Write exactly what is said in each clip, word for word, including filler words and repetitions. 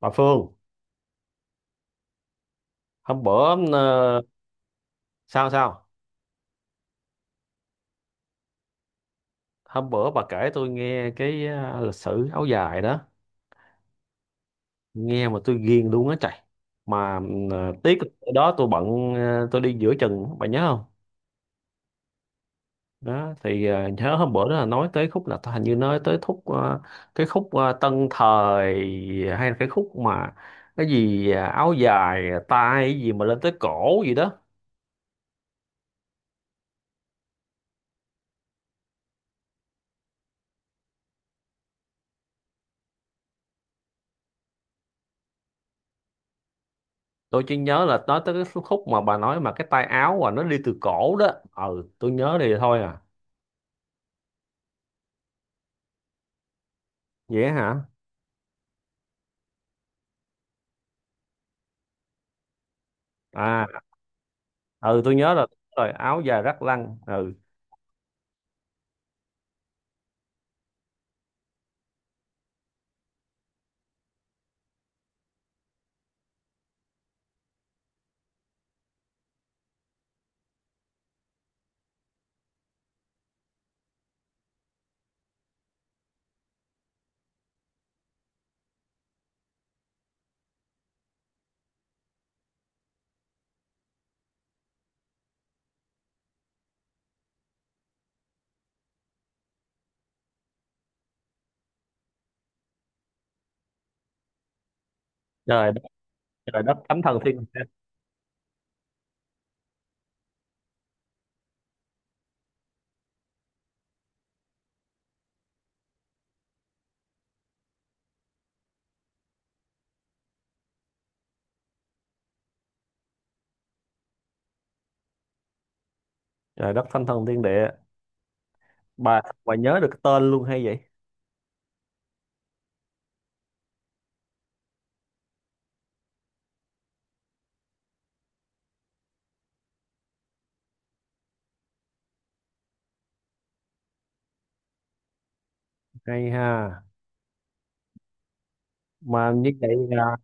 Bà Phương, hôm bữa ờ, sao sao hôm bữa bà kể tôi nghe cái ờ, lịch sử áo dài đó, nghe mà tôi ghiền luôn á trời. Mà ờ, tiếc là đó tôi bận, ờ, tôi đi giữa chừng bà nhớ không? Đó thì ờ, nhớ hôm bữa đó là nói tới khúc, là hình như nói tới khúc ờ, cái khúc ờ, tân thời, hay là cái khúc mà cái gì ờ, áo dài ờ, tay gì mà lên tới cổ gì đó. Tôi chỉ nhớ là nói tới cái số khúc mà bà nói mà cái tay áo và nó đi từ cổ đó. Ừ, tôi nhớ thì thôi à. Vậy hả? À, ừ tôi nhớ là rồi áo dài rắc lăng, ừ. Trời đất. Trời đất thánh thần thiên địa. Trời đất thánh thần thiên địa, bà bà nhớ được cái tên luôn hay vậy. Hay ha. Mà như vậy là,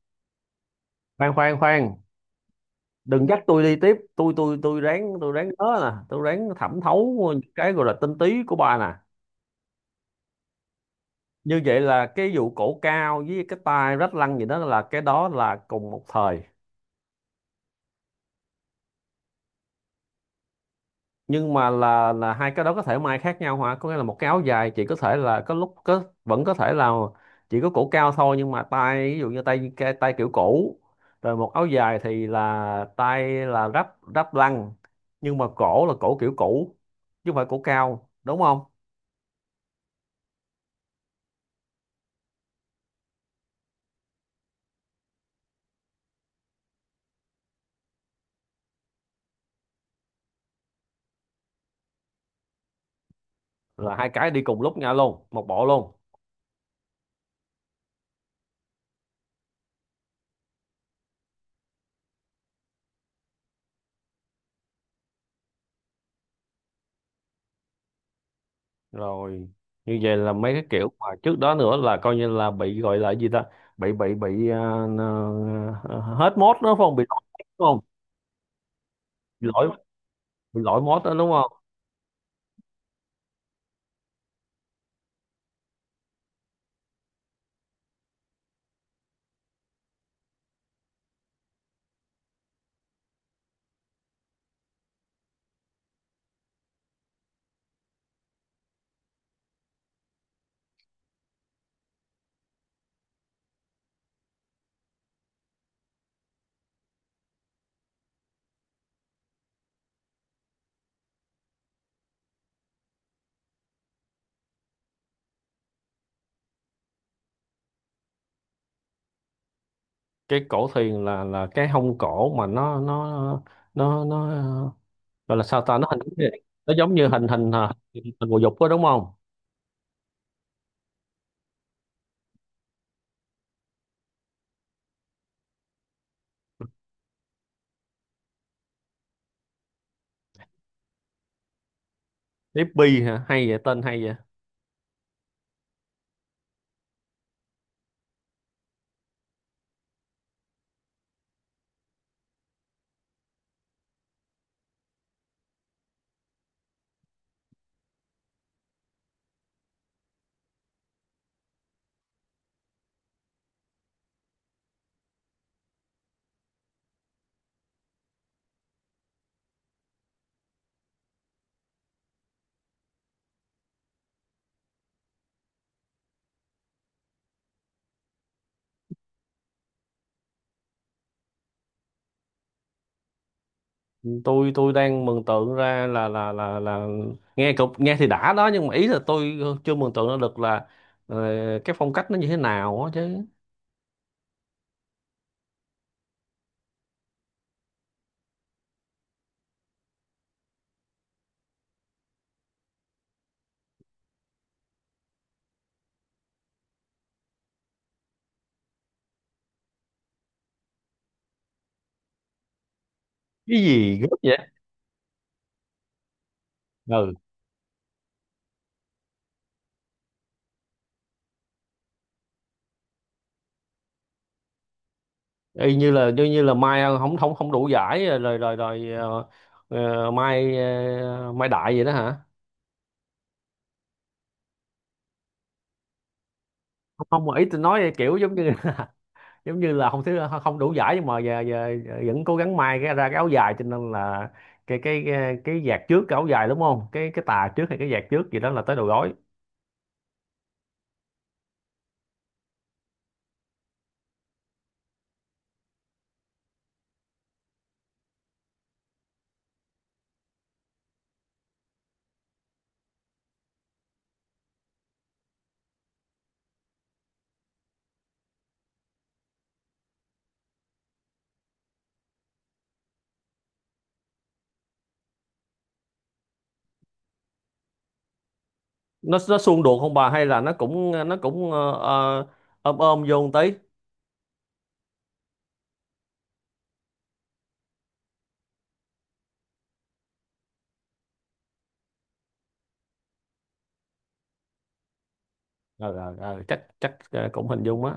khoan khoan khoan, đừng dắt tôi đi tiếp, tôi tôi tôi ráng, tôi ráng nhớ nè, tôi ráng thẩm thấu những cái gọi là tinh túy của bà nè. Như vậy là cái vụ cổ cao với cái tai rách lăn gì đó, là cái đó là cùng một thời. Nhưng mà là là hai cái đó có thể may khác nhau hả? Có nghĩa là một cái áo dài chỉ có thể là có lúc có vẫn có thể là chỉ có cổ cao thôi, nhưng mà tai ví dụ như tay, cái tay kiểu cổ, rồi một áo dài thì là tay là ráp ráp lăn, nhưng mà cổ là cổ kiểu cũ, chứ không phải cổ cao, đúng không? Là hai cái đi cùng lúc nhau luôn, một bộ luôn. Rồi như vậy là mấy cái kiểu mà trước đó nữa là coi như là bị gọi là gì ta, bị bị bị à, à, hết mốt đó phải không, bị lỗi mốt đúng không? Bị lỗi, bị lỗi mốt đó đúng không? Cái cổ thuyền là là cái hông cổ mà nó nó nó nó gọi là sao ta, nó hình, nó giống như hình hình à, hình bồ dục đó đúng không? Tiếp bi hả, hay vậy, tên hay vậy. Tôi tôi đang mường tượng ra là là là là nghe cục, nghe thì đã đó, nhưng mà ý là tôi chưa mường tượng ra được là ờ, cái phong cách nó như thế nào á chứ. Cái gì gấp vậy? Ừ, y như là như như là mai không không không đủ giải rồi rồi rồi, rồi, ờ, ờ, mai ờ, mai đại vậy đó hả? Không không, mà ý tôi nói kiểu giống như giống như là không thứ không đủ giải, nhưng mà giờ, giờ, vẫn cố gắng may cái ra cái áo dài, cho nên là cái cái cái, cái vạt trước cái áo dài, đúng không, cái cái tà trước hay cái vạt trước gì đó là tới đầu gối. Nó nó xung đột không bà, hay là nó cũng nó cũng ờ, ờ, ôm ôm vô một tí? ờ ờ, ờ, Chắc chắc ờ, cũng hình dung á.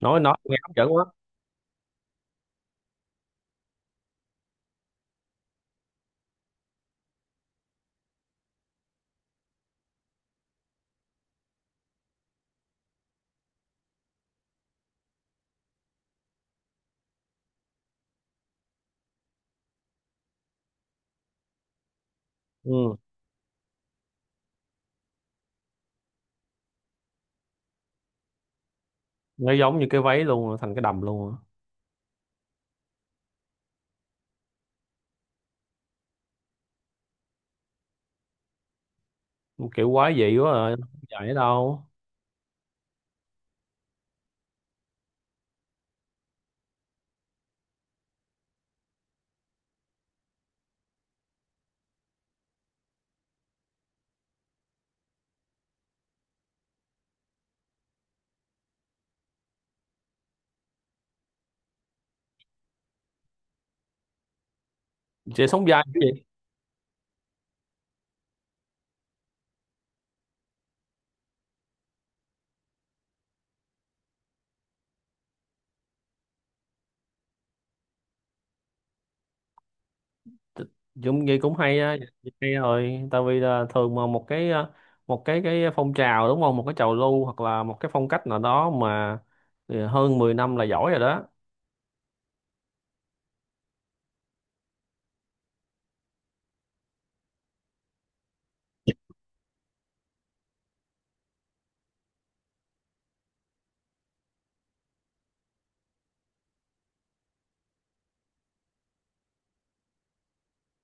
nói nói nghe hấp dẫn quá. Ừ, nó giống như cái váy luôn, thành cái đầm luôn á. Kiểu quá dị quá rồi, không dài ở đâu. Chị sống dai cái gì. Dũng vậy cũng hay á. Hay rồi, tại vì là thường mà một cái ờ, một cái cái phong trào, đúng không, một cái trào lưu hoặc là một cái phong cách nào đó mà ờ, hơn mười năm là giỏi rồi đó.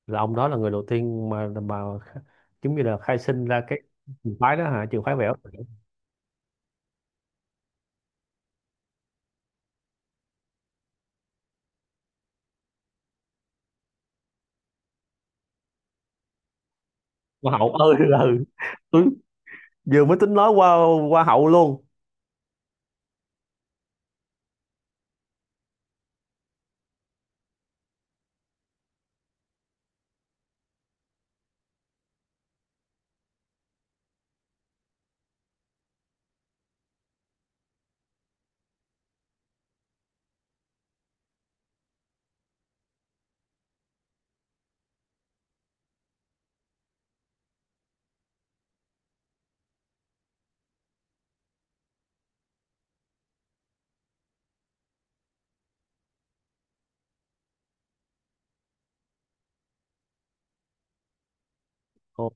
Là ông đó là người đầu tiên mà mà giống như là khai sinh ra cái trường phái đó hả, trường phái vẽ ốc biển. Hoa hậu ơi, là tôi vừa mới tính nói qua hoa hậu luôn. Ồ,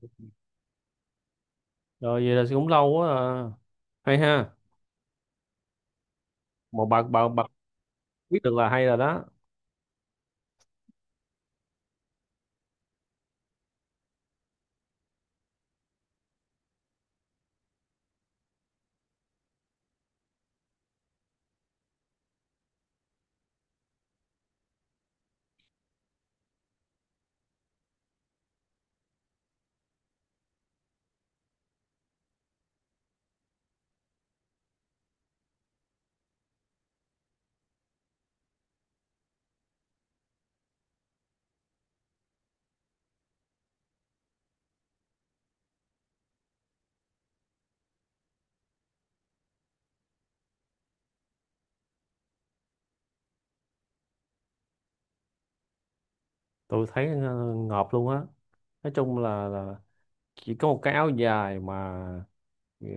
rồi vậy là cũng lâu quá à. Hay ha. Mà bà bà bà biết được là hay rồi đó. Tôi thấy ờ, ngợp luôn á. Nói chung là, là chỉ có một cái áo dài mà ờ,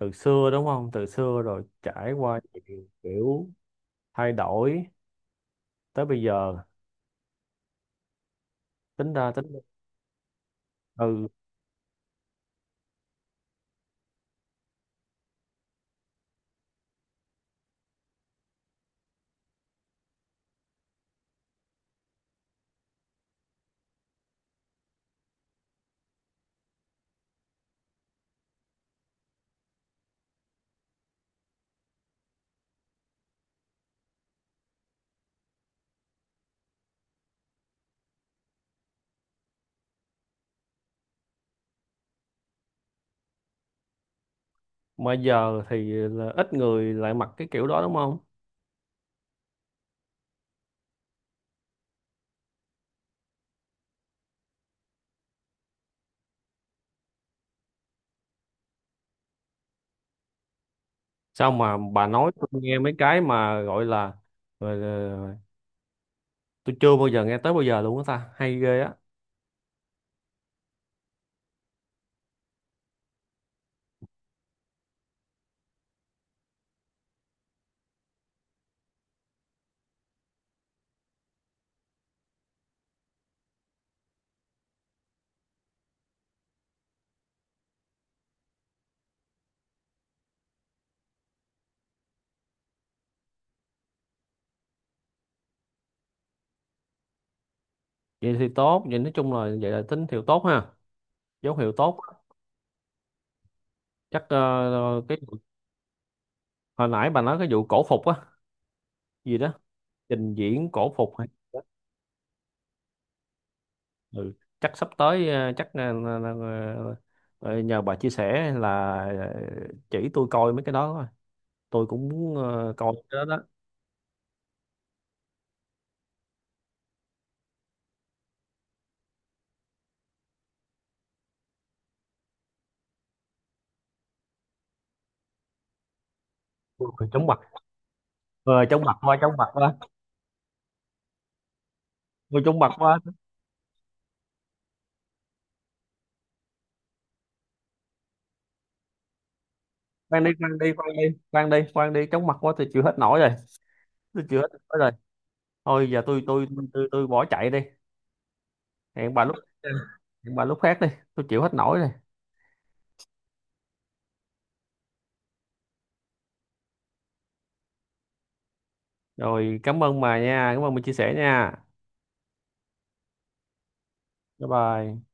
từ xưa, đúng không, từ xưa rồi trải qua nhiều kiểu thay đổi tới bây giờ, tính ra tính, ừ. Mà giờ thì là ít người lại mặc cái kiểu đó đúng không? Sao mà bà nói tôi nghe mấy cái mà gọi là, rồi là- tôi chưa bao giờ nghe tới bao giờ luôn á ta, hay ghê á. Vậy thì tốt, vậy nói chung là vậy là tín hiệu tốt ha, dấu hiệu tốt á. Chắc ờ, cái hồi nãy bà nói cái vụ cổ phục á gì đó, trình diễn cổ phục hay gì đó. Ừ. Chắc sắp tới ờ, chắc ờ, ờ, ờ, ờ, ờ, nhờ bà chia sẻ là ờ, chỉ tôi coi mấy cái đó thôi, tôi cũng muốn ờ, coi cái đó đó. Tôi cũng, ờ chóng mặt quá, chóng mặt quá. Ôi, chóng mặt quá. Khoan đi khoan đi khoan đi khoan đi khoan đi chóng mặt quá, tôi chịu hết nổi rồi, tôi chịu hết nổi rồi. Thôi giờ tôi tôi tôi tôi tôi bỏ chạy đi, hẹn bà lúc hẹn bà lúc khác đi, tôi chịu hết nổi rồi. Rồi cảm ơn bà nha, cảm ơn mình chia sẻ nha. Bye bye.